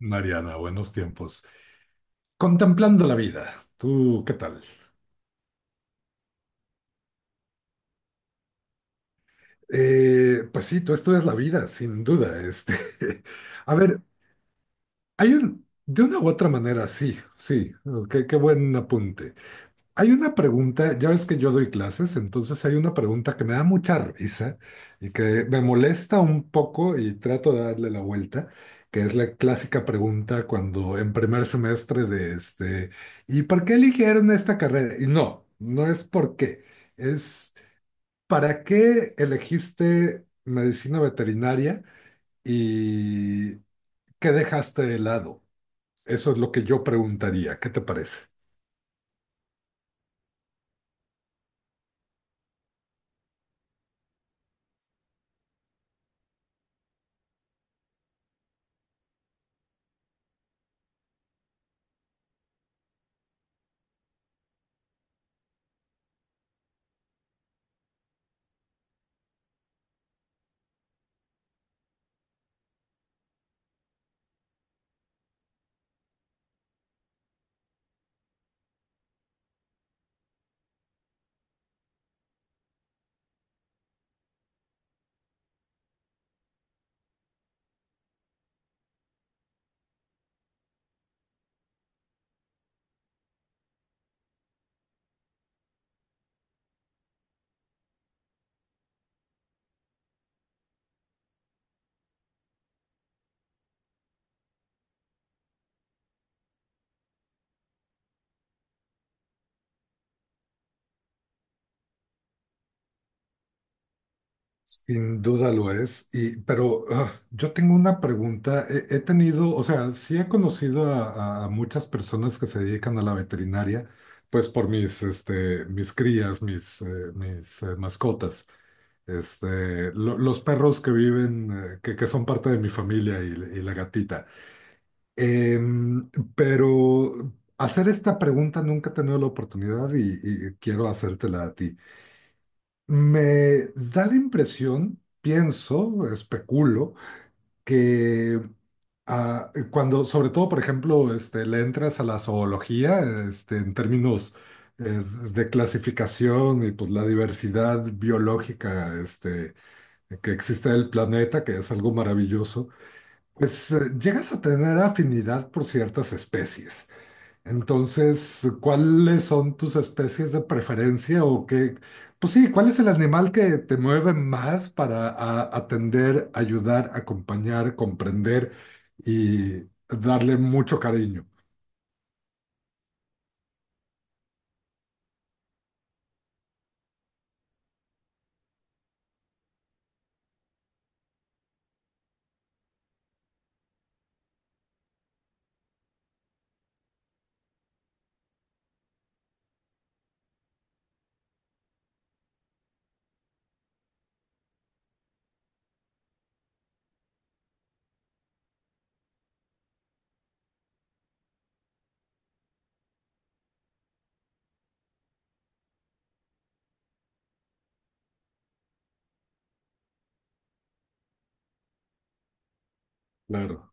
Mariana, buenos tiempos. Contemplando la vida, ¿tú qué tal? Pues sí, tú estudias la vida, sin duda. A ver, hay de una u otra manera, sí, sí, qué buen apunte. Hay una pregunta, ya ves que yo doy clases, entonces hay una pregunta que me da mucha risa y que me molesta un poco y trato de darle la vuelta, que es la clásica pregunta cuando en primer semestre de ¿y por qué eligieron esta carrera? Y no, no es por qué, es ¿para qué elegiste medicina veterinaria y qué dejaste de lado? Eso es lo que yo preguntaría, ¿qué te parece? Sin duda lo es, pero yo tengo una pregunta. He tenido, o sea, sí he conocido a muchas personas que se dedican a la veterinaria, pues por mis mis crías, mis mascotas, los perros que viven, que son parte de mi familia y la gatita. Em, pero hacer esta pregunta nunca he tenido la oportunidad y quiero hacértela a ti. Me da la impresión, pienso, especulo, que cuando, sobre todo, por ejemplo, le entras a la zoología, en términos eh, de clasificación y pues la diversidad biológica que existe en el planeta, que es algo maravilloso, pues llegas a tener afinidad por ciertas especies. Entonces, ¿cuáles son tus especies de preferencia o qué? Pues sí, ¿cuál es el animal que te mueve más para atender, ayudar, acompañar, comprender y darle mucho cariño? Claro.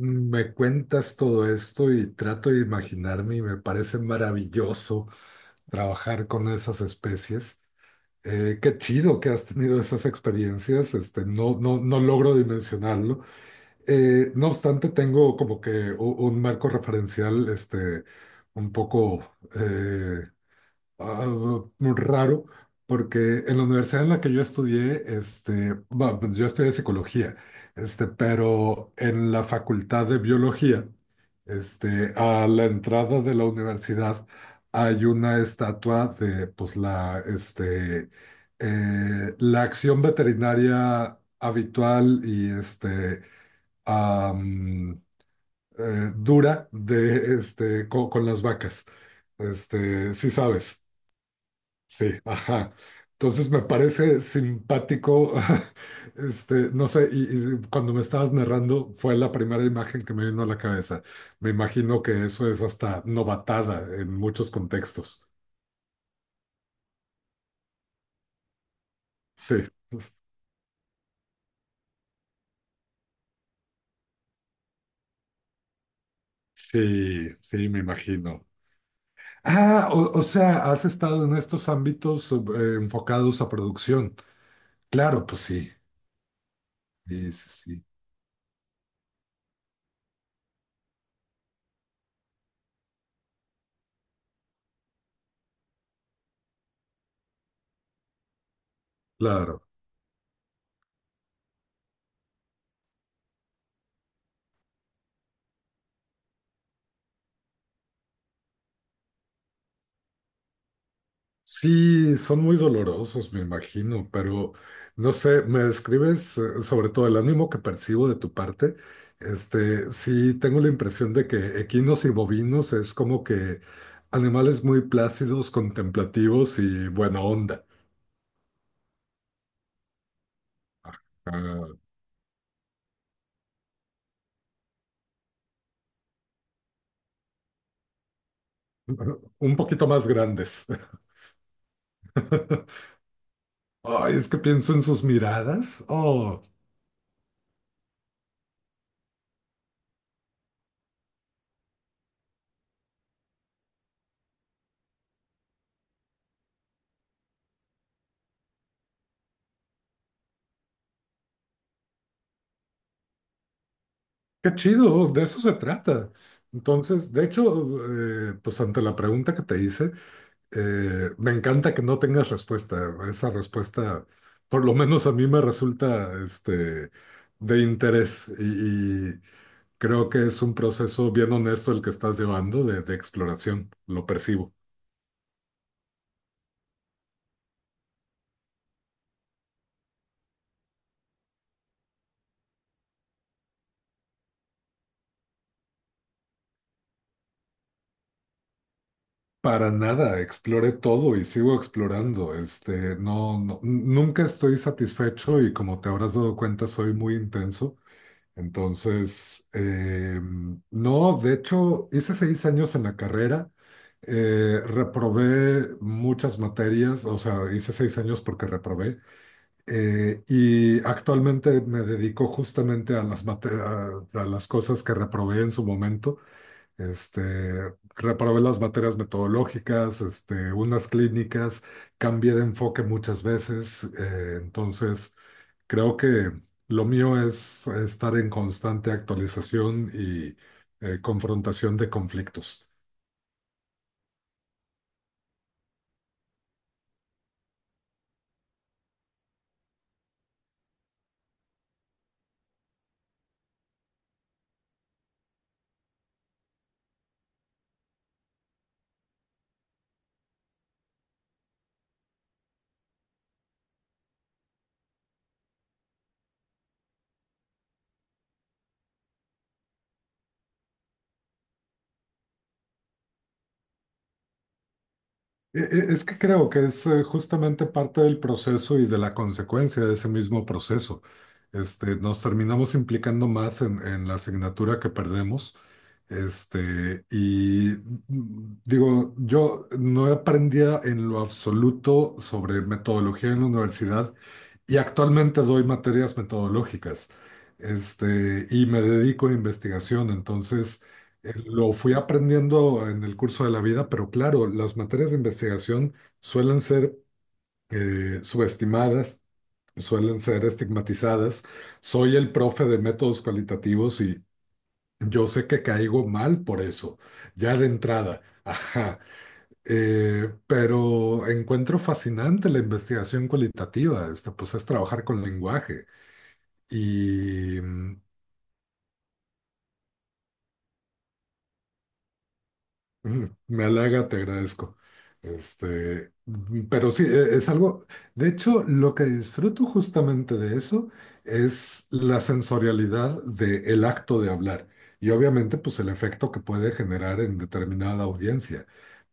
Me cuentas todo esto y trato de imaginarme y me parece maravilloso trabajar con esas especies. Qué chido que has tenido esas experiencias, no, no, no logro dimensionarlo. No obstante, tengo como que un marco referencial, un poco eh, ah, muy raro, porque en la universidad en la que yo estudié, bueno, pues yo estudié psicología, pero en la facultad de biología, a la entrada de la universidad hay una estatua de, pues, la acción veterinaria habitual y am, dura con las vacas. Sí sabes, sí, ajá. Entonces me parece simpático, no sé, y cuando me estabas narrando fue la primera imagen que me vino a la cabeza. Me imagino que eso es hasta novatada en muchos contextos. Sí, sí, sí, me imagino. Ah, o sea, has estado en estos ámbitos enfocados a producción. Claro, pues sí. Sí, sí, sí, claro. Sí, son muy dolorosos, me imagino, pero no sé, me describes sobre todo el ánimo que percibo de tu parte. Sí, tengo la impresión de que equinos y bovinos es como que animales muy plácidos, contemplativos y buena onda. Ah, un poquito más grandes. Ay, es que pienso en sus miradas. Oh, qué chido, de eso se trata. Entonces, de hecho, pues ante la pregunta que te hice, me encanta que no tengas respuesta. Esa respuesta, por lo menos a mí me resulta de interés y creo que es un proceso bien honesto el que estás llevando de exploración. Lo percibo. Para nada, exploré todo y sigo explorando. No, no, nunca estoy satisfecho y como te habrás dado cuenta, soy muy intenso. Entonces, no, de hecho, hice 6 años en la carrera, reprobé muchas materias, o sea, hice 6 años porque reprobé, y actualmente me dedico justamente a a las cosas que reprobé en su momento. Reprobé las materias metodológicas, unas clínicas, cambié de enfoque muchas veces, entonces... Creo que lo mío es estar en constante actualización y confrontación de conflictos. Es que creo que es justamente parte del proceso y de la consecuencia de ese mismo proceso. Nos terminamos implicando más en la asignatura que perdemos. Este, y digo, yo no aprendía en lo absoluto sobre metodología en la universidad. Y actualmente doy materias metodológicas, y me dedico a investigación. Entonces, lo fui aprendiendo en el curso de la vida, pero claro, las materias de investigación suelen ser subestimadas, suelen ser estigmatizadas. Soy el profe de métodos cualitativos y yo sé que caigo mal por eso, ya de entrada. Ajá, pero encuentro fascinante la investigación cualitativa, pues es trabajar con lenguaje y mm, me halaga, te agradezco. Pero sí, es algo, de hecho, lo que disfruto justamente de eso es la sensorialidad del acto de hablar y obviamente pues el efecto que puede generar en determinada audiencia.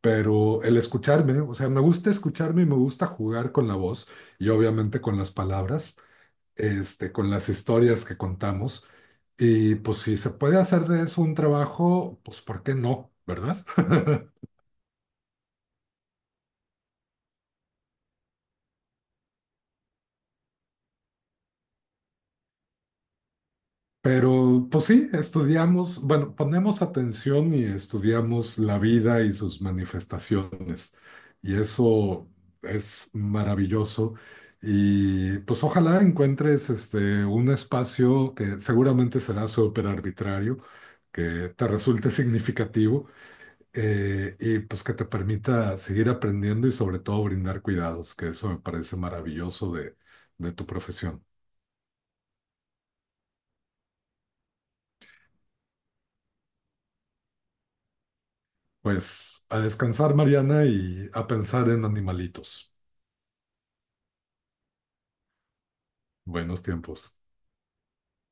Pero el escucharme, o sea, me gusta escucharme y me gusta jugar con la voz y obviamente con las palabras, con las historias que contamos. Y pues si se puede hacer de eso un trabajo, pues ¿por qué no? ¿Verdad? Pero pues sí, estudiamos, bueno, ponemos atención y estudiamos la vida y sus manifestaciones. Y eso es maravilloso. Y pues ojalá encuentres un espacio que seguramente será súper arbitrario, que te resulte significativo, y pues que te permita seguir aprendiendo y sobre todo brindar cuidados, que eso me parece maravilloso de tu profesión. Pues a descansar, Mariana, y a pensar en animalitos. Buenos tiempos.